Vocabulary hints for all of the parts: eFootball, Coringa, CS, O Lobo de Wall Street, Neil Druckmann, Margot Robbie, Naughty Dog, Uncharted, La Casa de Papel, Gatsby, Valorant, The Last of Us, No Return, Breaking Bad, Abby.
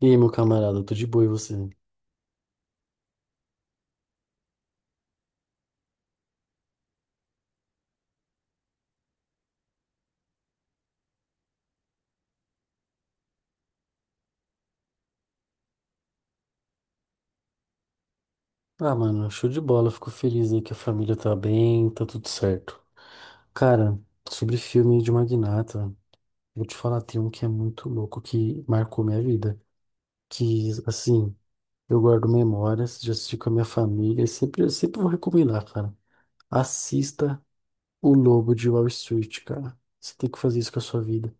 E aí, meu camarada, eu tô de boa e você? Ah, mano, show de bola, fico feliz aí que a família tá bem, tá tudo certo. Cara, sobre filme de magnata, vou te falar, tem um que é muito louco, que marcou minha vida. Que, assim, eu guardo memórias, já assisti com a minha família, eu sempre vou recomendar, cara. Assista O Lobo de Wall Street, cara. Você tem que fazer isso com a sua vida.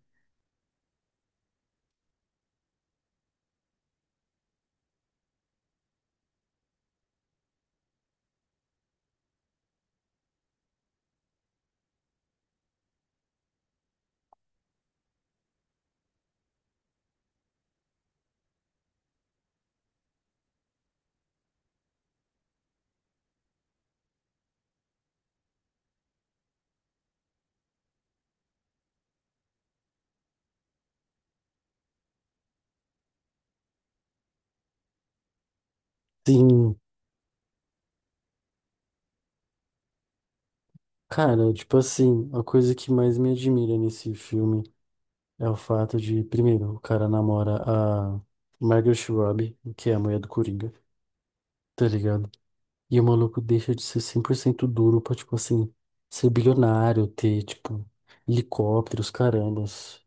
Sim, cara, tipo assim, a coisa que mais me admira nesse filme. É o fato de, primeiro, o cara namora a Margot Robbie, que é a mulher do Coringa, tá ligado? E o maluco deixa de ser 100% duro pra, tipo assim, ser bilionário, ter, tipo, helicópteros, carambas.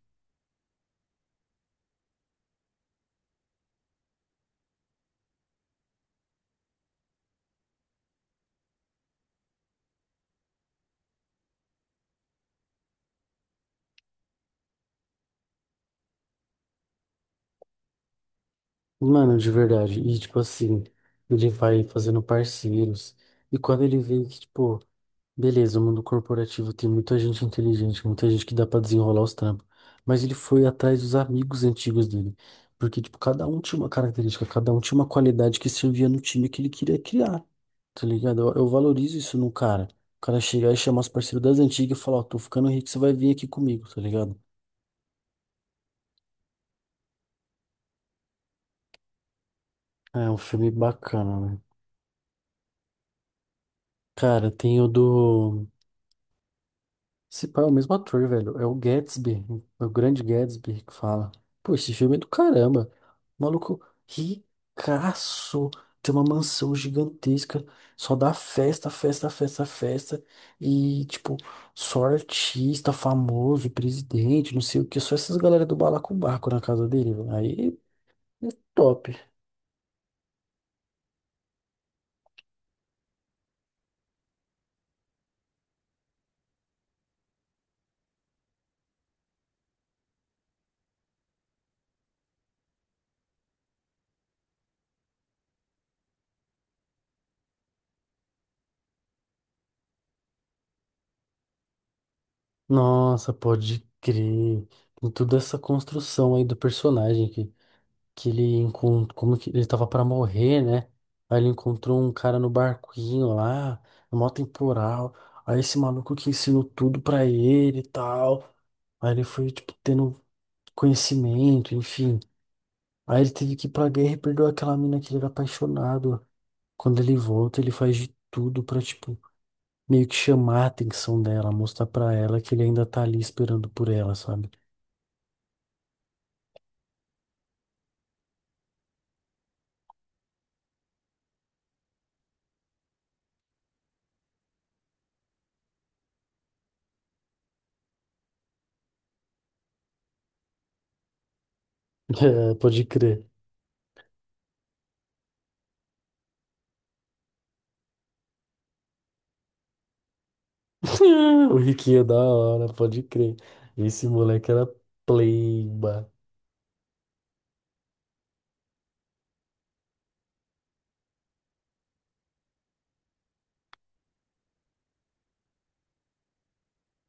Mano, de verdade. E, tipo assim, ele vai fazendo parceiros. E quando ele vê que, tipo, beleza, o mundo corporativo tem muita gente inteligente, muita gente que dá pra desenrolar os trampos. Mas ele foi atrás dos amigos antigos dele. Porque, tipo, cada um tinha uma característica, cada um tinha uma qualidade que servia no time que ele queria criar. Tá ligado? Eu valorizo isso num cara. O cara chegar e chamar os parceiros das antigas e falar, ó, tô ficando rico, você vai vir aqui comigo, tá ligado? É um filme bacana, né? Cara, tem o do. Esse pai é o mesmo ator, velho. É o Gatsby, o grande Gatsby que fala. Pô, esse filme é do caramba. Maluco ricaço. Tem uma mansão gigantesca. Só dá festa, festa, festa, festa. E, tipo, só artista famoso, presidente, não sei o que. Só essas galera do balacobaco na casa dele, velho. Aí é top. Nossa, pode crer. Tem toda essa construção aí do personagem aqui. Que ele encontrou, como que ele tava pra morrer, né? Aí ele encontrou um cara no barquinho lá, no maior temporal. Aí esse maluco que ensinou tudo pra ele e tal. Aí ele foi, tipo, tendo conhecimento, enfim. Aí ele teve que ir pra guerra e perdeu aquela mina que ele era apaixonado. Quando ele volta, ele faz de tudo pra, tipo, meio que chamar a atenção dela, mostrar pra ela que ele ainda tá ali esperando por ela, sabe? É, pode crer. O Riquinho é da hora, pode crer. Esse moleque era pleiba.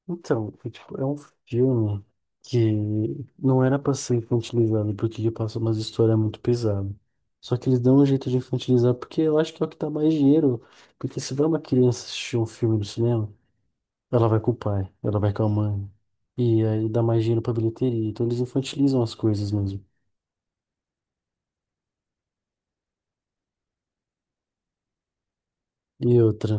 Então, foi, tipo, é um filme que não era pra ser infantilizado, porque ele passa umas histórias muito pesadas. Só que eles dão um jeito de infantilizar, porque eu acho que é o que dá mais dinheiro. Porque se vai uma criança assistir um filme no cinema, ela vai com o pai, ela vai com a mãe. E aí dá mais dinheiro pra bilheteria. Então eles infantilizam as coisas mesmo. E outra.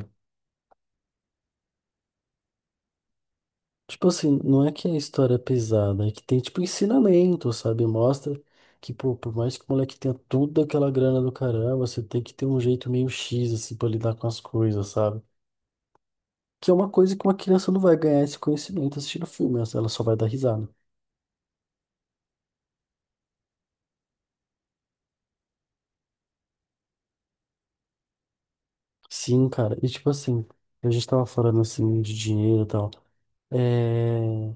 Tipo assim, não é que é história é pesada, é que tem, tipo, ensinamento, sabe? Mostra que, pô, por mais que o moleque tenha toda aquela grana do caramba, você tem que ter um jeito meio X, assim, pra lidar com as coisas, sabe? Que é uma coisa que uma criança não vai ganhar esse conhecimento assistindo filme, ela só vai dar risada. Sim, cara, e tipo assim, a gente tava falando, assim, de dinheiro e tal. É...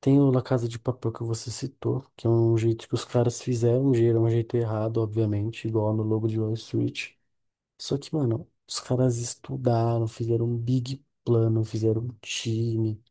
Tem o La Casa de Papel que você citou, que é um jeito que os caras fizeram, um jeito errado, obviamente, igual no Lobo de Wall Street. Só que, mano, os caras estudaram, fizeram um big plano, fizeram um time.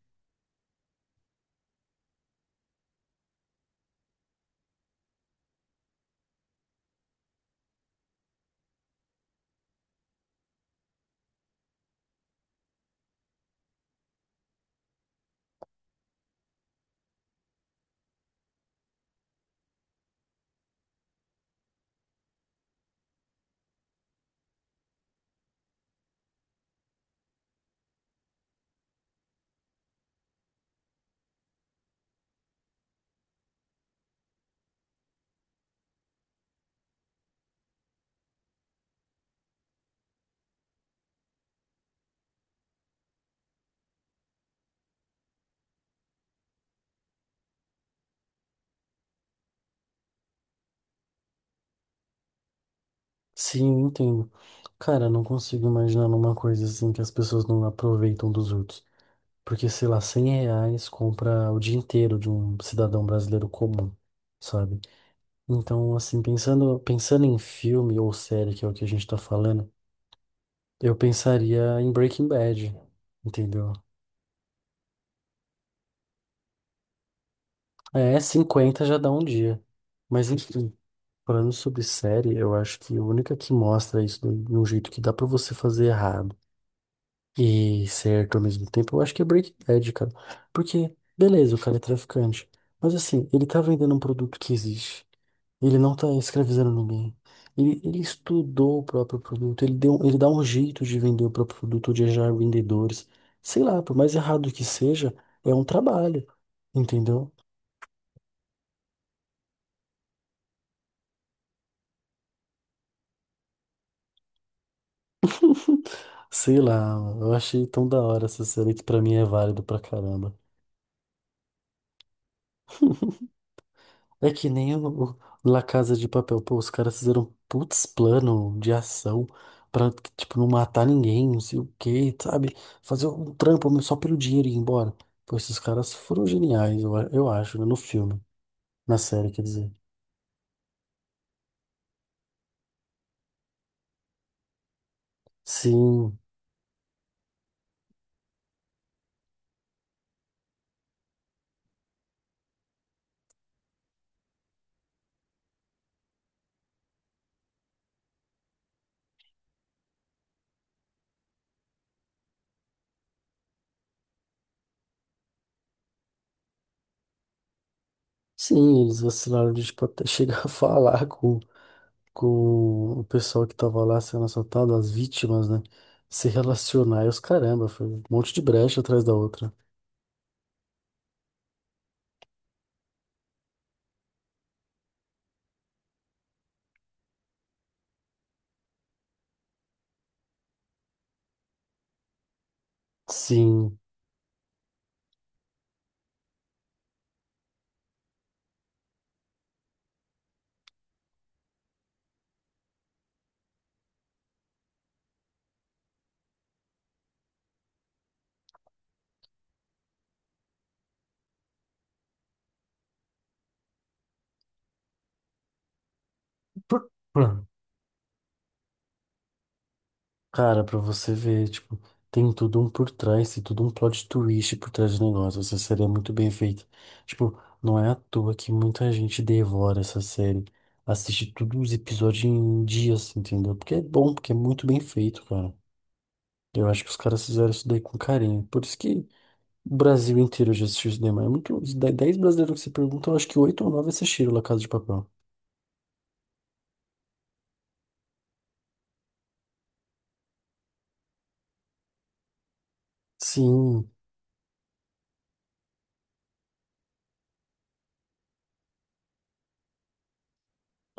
Sim, eu entendo. Cara, não consigo imaginar numa coisa assim que as pessoas não aproveitam dos outros. Porque, sei lá, 100 reais compra o dia inteiro de um cidadão brasileiro comum, sabe? Então, assim, pensando em filme ou série, que é o que a gente tá falando, eu pensaria em Breaking Bad, entendeu? É, 50 já dá um dia. Mas enfim. Falando sobre série, eu acho que a única que mostra isso de um jeito que dá pra você fazer errado e certo ao mesmo tempo, eu acho que é Breaking Bad, cara. Porque, beleza, o cara é traficante, mas assim, ele tá vendendo um produto que existe. Ele não tá escravizando ninguém. Ele estudou o próprio produto, ele dá um jeito de vender o próprio produto, de achar vendedores. Sei lá, por mais errado que seja, é um trabalho, entendeu? Sei lá, eu achei tão da hora essa série que pra mim é válido pra caramba. É que nem o La Casa de Papel. Pô, os caras fizeram um putz plano de ação pra, tipo, não matar ninguém, não sei o quê, sabe? Fazer um trampo mas só pelo dinheiro e ir embora. Pô, esses caras foram geniais, eu acho, né? No filme, na série, quer dizer. Sim, sim, eles vacilaram de, tipo, até chegar a falar com o pessoal que tava lá sendo assaltado, as vítimas, né? Se relacionar e os caramba, foi um monte de brecha atrás da outra. Sim. Cara, pra você ver, tipo, tem tudo um por trás, tem tudo um plot twist por trás do negócio. Essa série é muito bem feita. Tipo, não é à toa que muita gente devora essa série. Assiste todos os episódios em dias, entendeu? Porque é bom, porque é muito bem feito, cara. Eu acho que os caras fizeram isso daí com carinho. Por isso que o Brasil inteiro já assistiu isso daí, mas é muito. Os 10 brasileiros que você pergunta, eu acho que oito ou nove assistiram La Casa de Papel. Sim,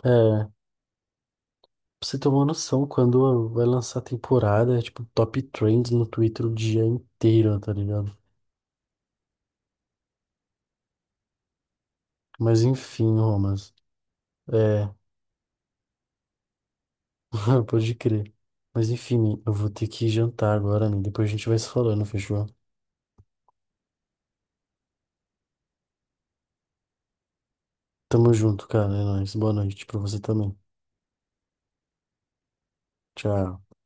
é. Pra você ter uma noção, quando vai lançar a temporada, é tipo top trends no Twitter o dia inteiro, tá ligado? Mas enfim, Romas. É, pode crer. Mas enfim, eu vou ter que jantar agora, né? Depois a gente vai se falando, fechou? Tamo junto, cara. É nóis. Boa noite pra você também. Tchau.